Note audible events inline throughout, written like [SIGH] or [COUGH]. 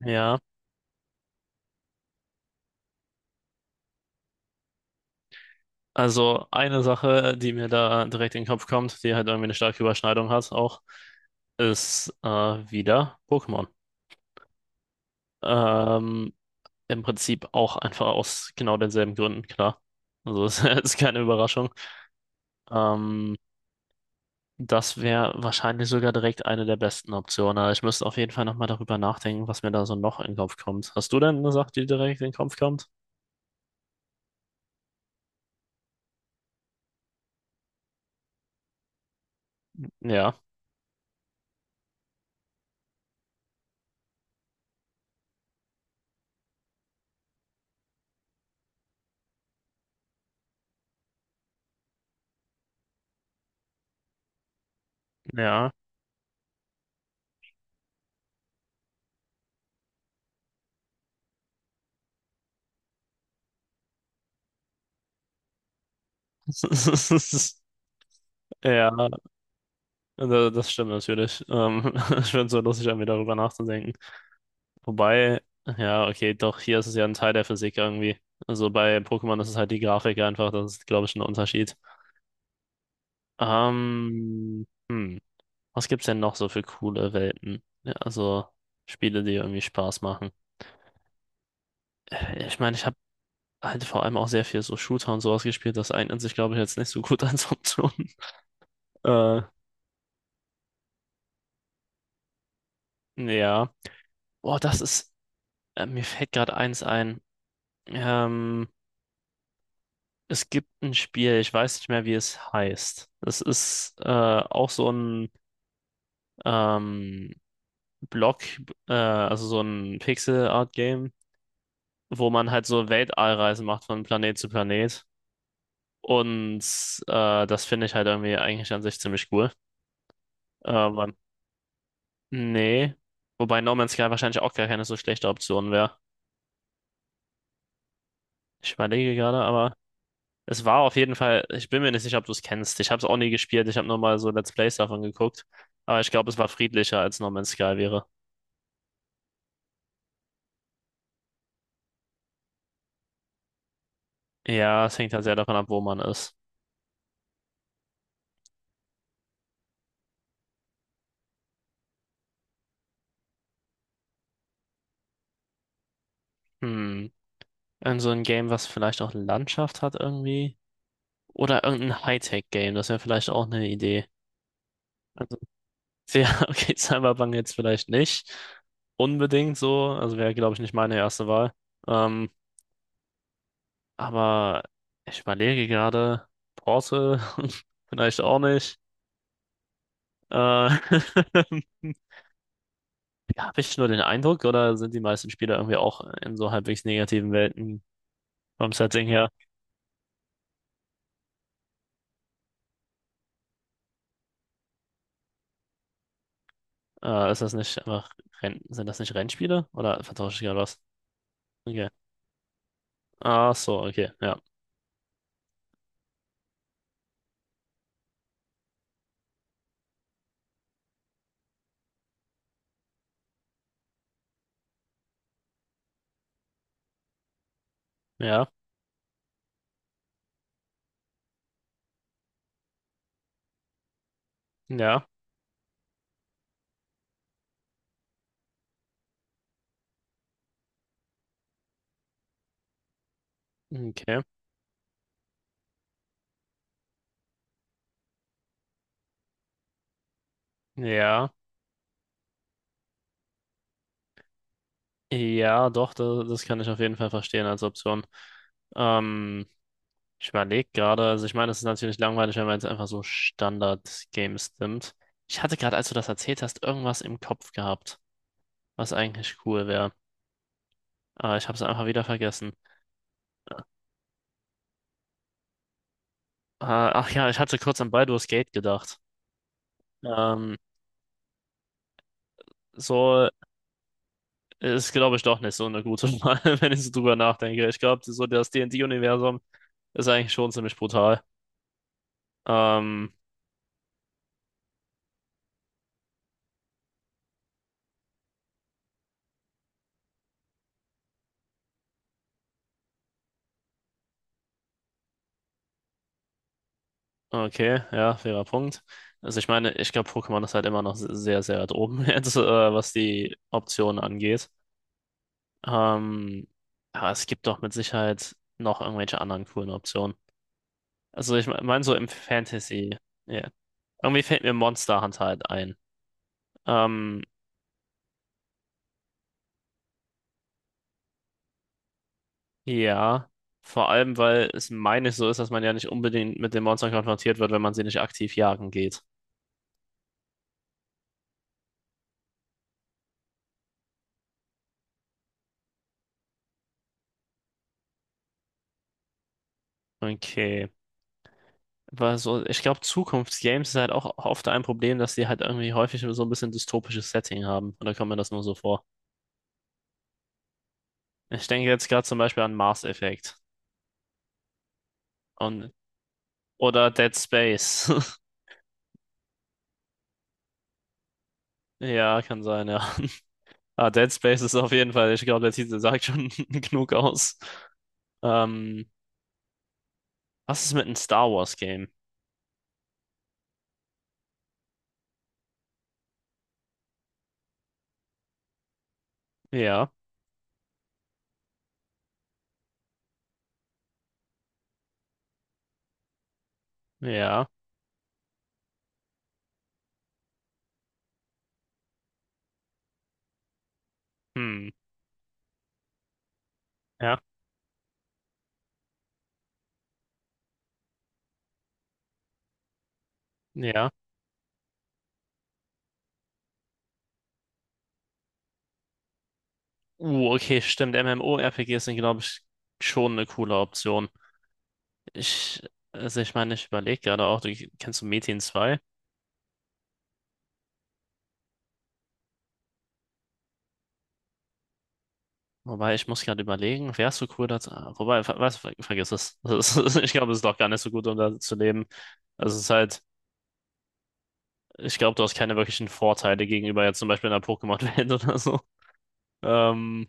Ja, also eine Sache, die mir da direkt in den Kopf kommt, die halt irgendwie eine starke Überschneidung hat auch, ist wieder Pokémon. Ähm, Im Prinzip auch einfach aus genau denselben Gründen, klar. Also es [LAUGHS] ist keine Überraschung. Ähm, Das wäre wahrscheinlich sogar direkt eine der besten Optionen. Aber ich müsste auf jeden Fall nochmal darüber nachdenken, was mir da so noch in den Kopf kommt. Hast du denn eine Sache, die direkt in den Kopf kommt? Ja, ja. [LAUGHS] Ja. Das stimmt natürlich. [LAUGHS] Ich finde es so lustig, irgendwie darüber nachzudenken. Wobei, ja, okay, doch, hier ist es ja ein Teil der Physik irgendwie. Also bei Pokémon ist es halt die Grafik einfach, das ist, glaube ich, ein Unterschied. Ähm, hm, was gibt's denn noch so für coole Welten? Ja, also Spiele, die irgendwie Spaß machen. Ich meine, ich habe halt vor allem auch sehr viel so Shooter und sowas gespielt, das eignet sich, glaube ich, jetzt nicht so gut als Option. [LAUGHS] Äh, ja. Boah, das ist, mir fällt gerade eins ein. Ähm, Es gibt ein Spiel, ich weiß nicht mehr, wie es heißt. Das ist auch so ein ähm, Block, also so ein Pixel-Art-Game, wo man halt so Weltallreisen macht von Planet zu Planet. Und das finde ich halt irgendwie eigentlich an sich ziemlich cool. Aber nee. Wobei No Man's Sky wahrscheinlich auch gar keine so schlechte Option wäre. Ich überlege gerade, aber. Es war auf jeden Fall, ich bin mir nicht sicher, ob du es kennst. Ich habe es auch nie gespielt, ich habe nur mal so Let's Plays davon geguckt. Aber ich glaube, es war friedlicher als No Man's Sky wäre. Ja, es hängt halt sehr davon ab, wo man ist. Hm. Irgend so ein Game, was vielleicht auch Landschaft hat irgendwie. Oder irgendein Hightech-Game, das wäre vielleicht auch eine Idee. Also, ja, [LAUGHS] okay, Cyberpunk jetzt vielleicht nicht unbedingt so. Also wäre, glaube ich, nicht meine erste Wahl. Ähm, aber ich überlege gerade, Portal [LAUGHS] vielleicht auch nicht. Äh, [LAUGHS] Habe ich nur den Eindruck, oder sind die meisten Spieler irgendwie auch in so halbwegs negativen Welten vom Setting her? Ist das nicht einfach Renn sind das nicht Rennspiele? Oder vertausche ich gerade was? Okay. Ach so, okay. Ja. Ja. Ja. Okay. Ja. Ja, doch, das kann ich auf jeden Fall verstehen als Option. Ähm, Ich überlege gerade, also ich meine, es ist natürlich langweilig, wenn man jetzt einfach so Standard-Games nimmt. Ich hatte gerade, als du das erzählt hast, irgendwas im Kopf gehabt, was eigentlich cool wäre. Ah, ich habe es einfach wieder vergessen. Ah, ach ja, ich hatte kurz an Baldur's Gate gedacht. Ähm, so ist, glaube ich, doch nicht so eine gute [LAUGHS] Wahl, wenn ich so drüber nachdenke. Ich glaube, so das D&D-Universum ist eigentlich schon ziemlich brutal. Ähm, okay, ja, fairer Punkt. Also ich meine, ich glaube, Pokémon ist halt immer noch sehr, sehr weit oben [LAUGHS] jetzt, was die Optionen angeht. Ähm, aber es gibt doch mit Sicherheit noch irgendwelche anderen coolen Optionen. Also ich meine so im Fantasy. Ja. Irgendwie fällt mir Monster Hunter halt ein. Ähm, ja, vor allem, weil es meine ich so ist, dass man ja nicht unbedingt mit den Monstern konfrontiert wird, wenn man sie nicht aktiv jagen geht. Okay. Weil so, ich glaube, Zukunftsgames ist halt auch oft ein Problem, dass die halt irgendwie häufig so ein bisschen dystopisches Setting haben. Oder kommt mir das nur so vor? Ich denke jetzt gerade zum Beispiel an Mass Effect. Und, oder Dead Space. [LAUGHS] Ja, kann sein, ja. [LAUGHS] Ah, Dead Space ist auf jeden Fall, ich glaube, der Titel sagt schon [LAUGHS] genug aus. Ähm. Was ist mit einem Star Wars Game? Ja, ja, hm, ja, ja. Okay, stimmt. MMORPGs sind, glaube ich, schon eine coole Option. Ich, also ich meine, ich überlege gerade auch, du kennst du Metin zwei? Wobei, ich muss gerade überlegen, wärst du cool dazu? Wobei, ver was, ver vergiss es. [LAUGHS] Das ist, ich glaube, es ist doch gar nicht so gut, um da zu leben. Also es ist halt, ich glaube, du hast keine wirklichen Vorteile gegenüber jetzt zum Beispiel einer Pokémon-Welt [LAUGHS] oder so. Ähm,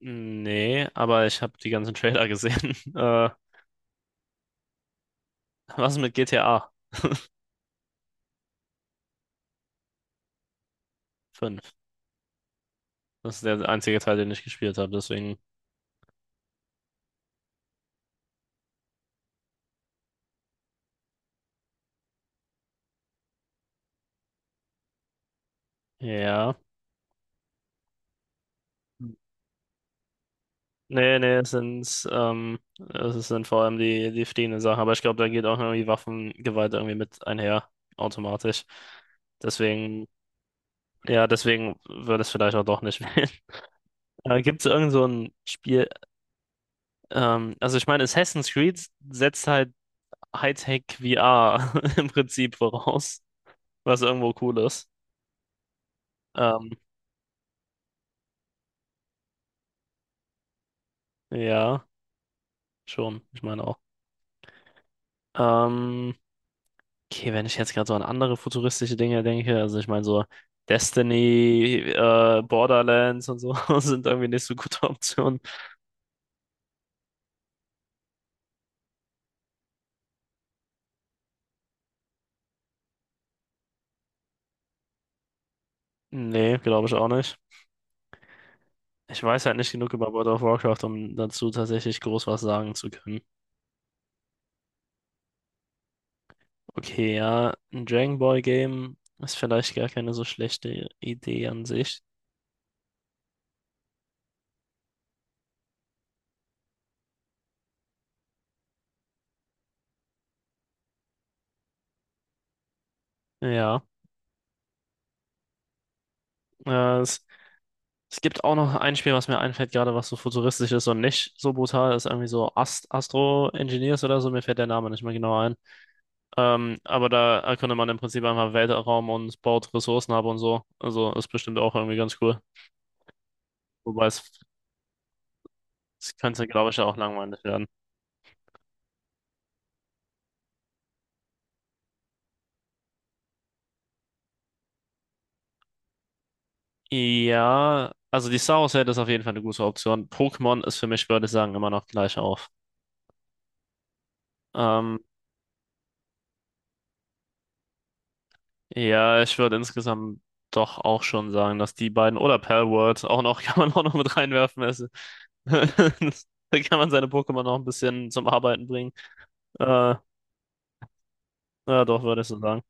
Nee, aber ich habe die ganzen Trailer gesehen. [LAUGHS] Was mit GTA 5? Das ist der einzige Teil, den ich gespielt habe, deswegen. Ja. Nee, nee, es sind vor allem die, die fliehenden Sachen, aber ich glaube, da geht auch irgendwie Waffengewalt irgendwie mit einher, automatisch. Deswegen, ja, deswegen würde es vielleicht auch doch nicht wählen. [LAUGHS] Gibt es irgend so ein Spiel, also ich meine, Assassin's Creed setzt halt Hightech VR [LAUGHS] im Prinzip voraus, was irgendwo cool ist. Ähm, ja, schon, ich meine. Ähm, okay, wenn ich jetzt gerade so an andere futuristische Dinge denke, also ich meine so Destiny, Borderlands und so [LAUGHS] sind irgendwie nicht so gute Optionen. Nee, glaube ich auch nicht. Ich weiß halt nicht genug über World of Warcraft, um dazu tatsächlich groß was sagen zu können. Okay, ja, ein Dragon Ball Game ist vielleicht gar keine so schlechte Idee an sich. Ja, äh, es Es gibt auch noch ein Spiel, was mir einfällt, gerade was so futuristisch ist und nicht so brutal ist, irgendwie so Astro Engineers oder so, mir fällt der Name nicht mehr genau ein. Aber da erkundet man im Prinzip einfach Weltraum und baut Ressourcen ab und so. Also ist bestimmt auch irgendwie ganz cool. Wobei es, es könnte, glaube ich, ja auch langweilig werden. Ja, also die Star Wars-Welt ist auf jeden Fall eine gute Option. Pokémon ist für mich, würde ich sagen, immer noch gleich auf. Ähm, Ja, ich würde insgesamt doch auch schon sagen, dass die beiden oder Palworld auch noch, [LAUGHS] kann man auch noch mit reinwerfen. Also, [LAUGHS] da kann man seine Pokémon noch ein bisschen zum Arbeiten bringen. Äh, ja, doch, würde ich so sagen.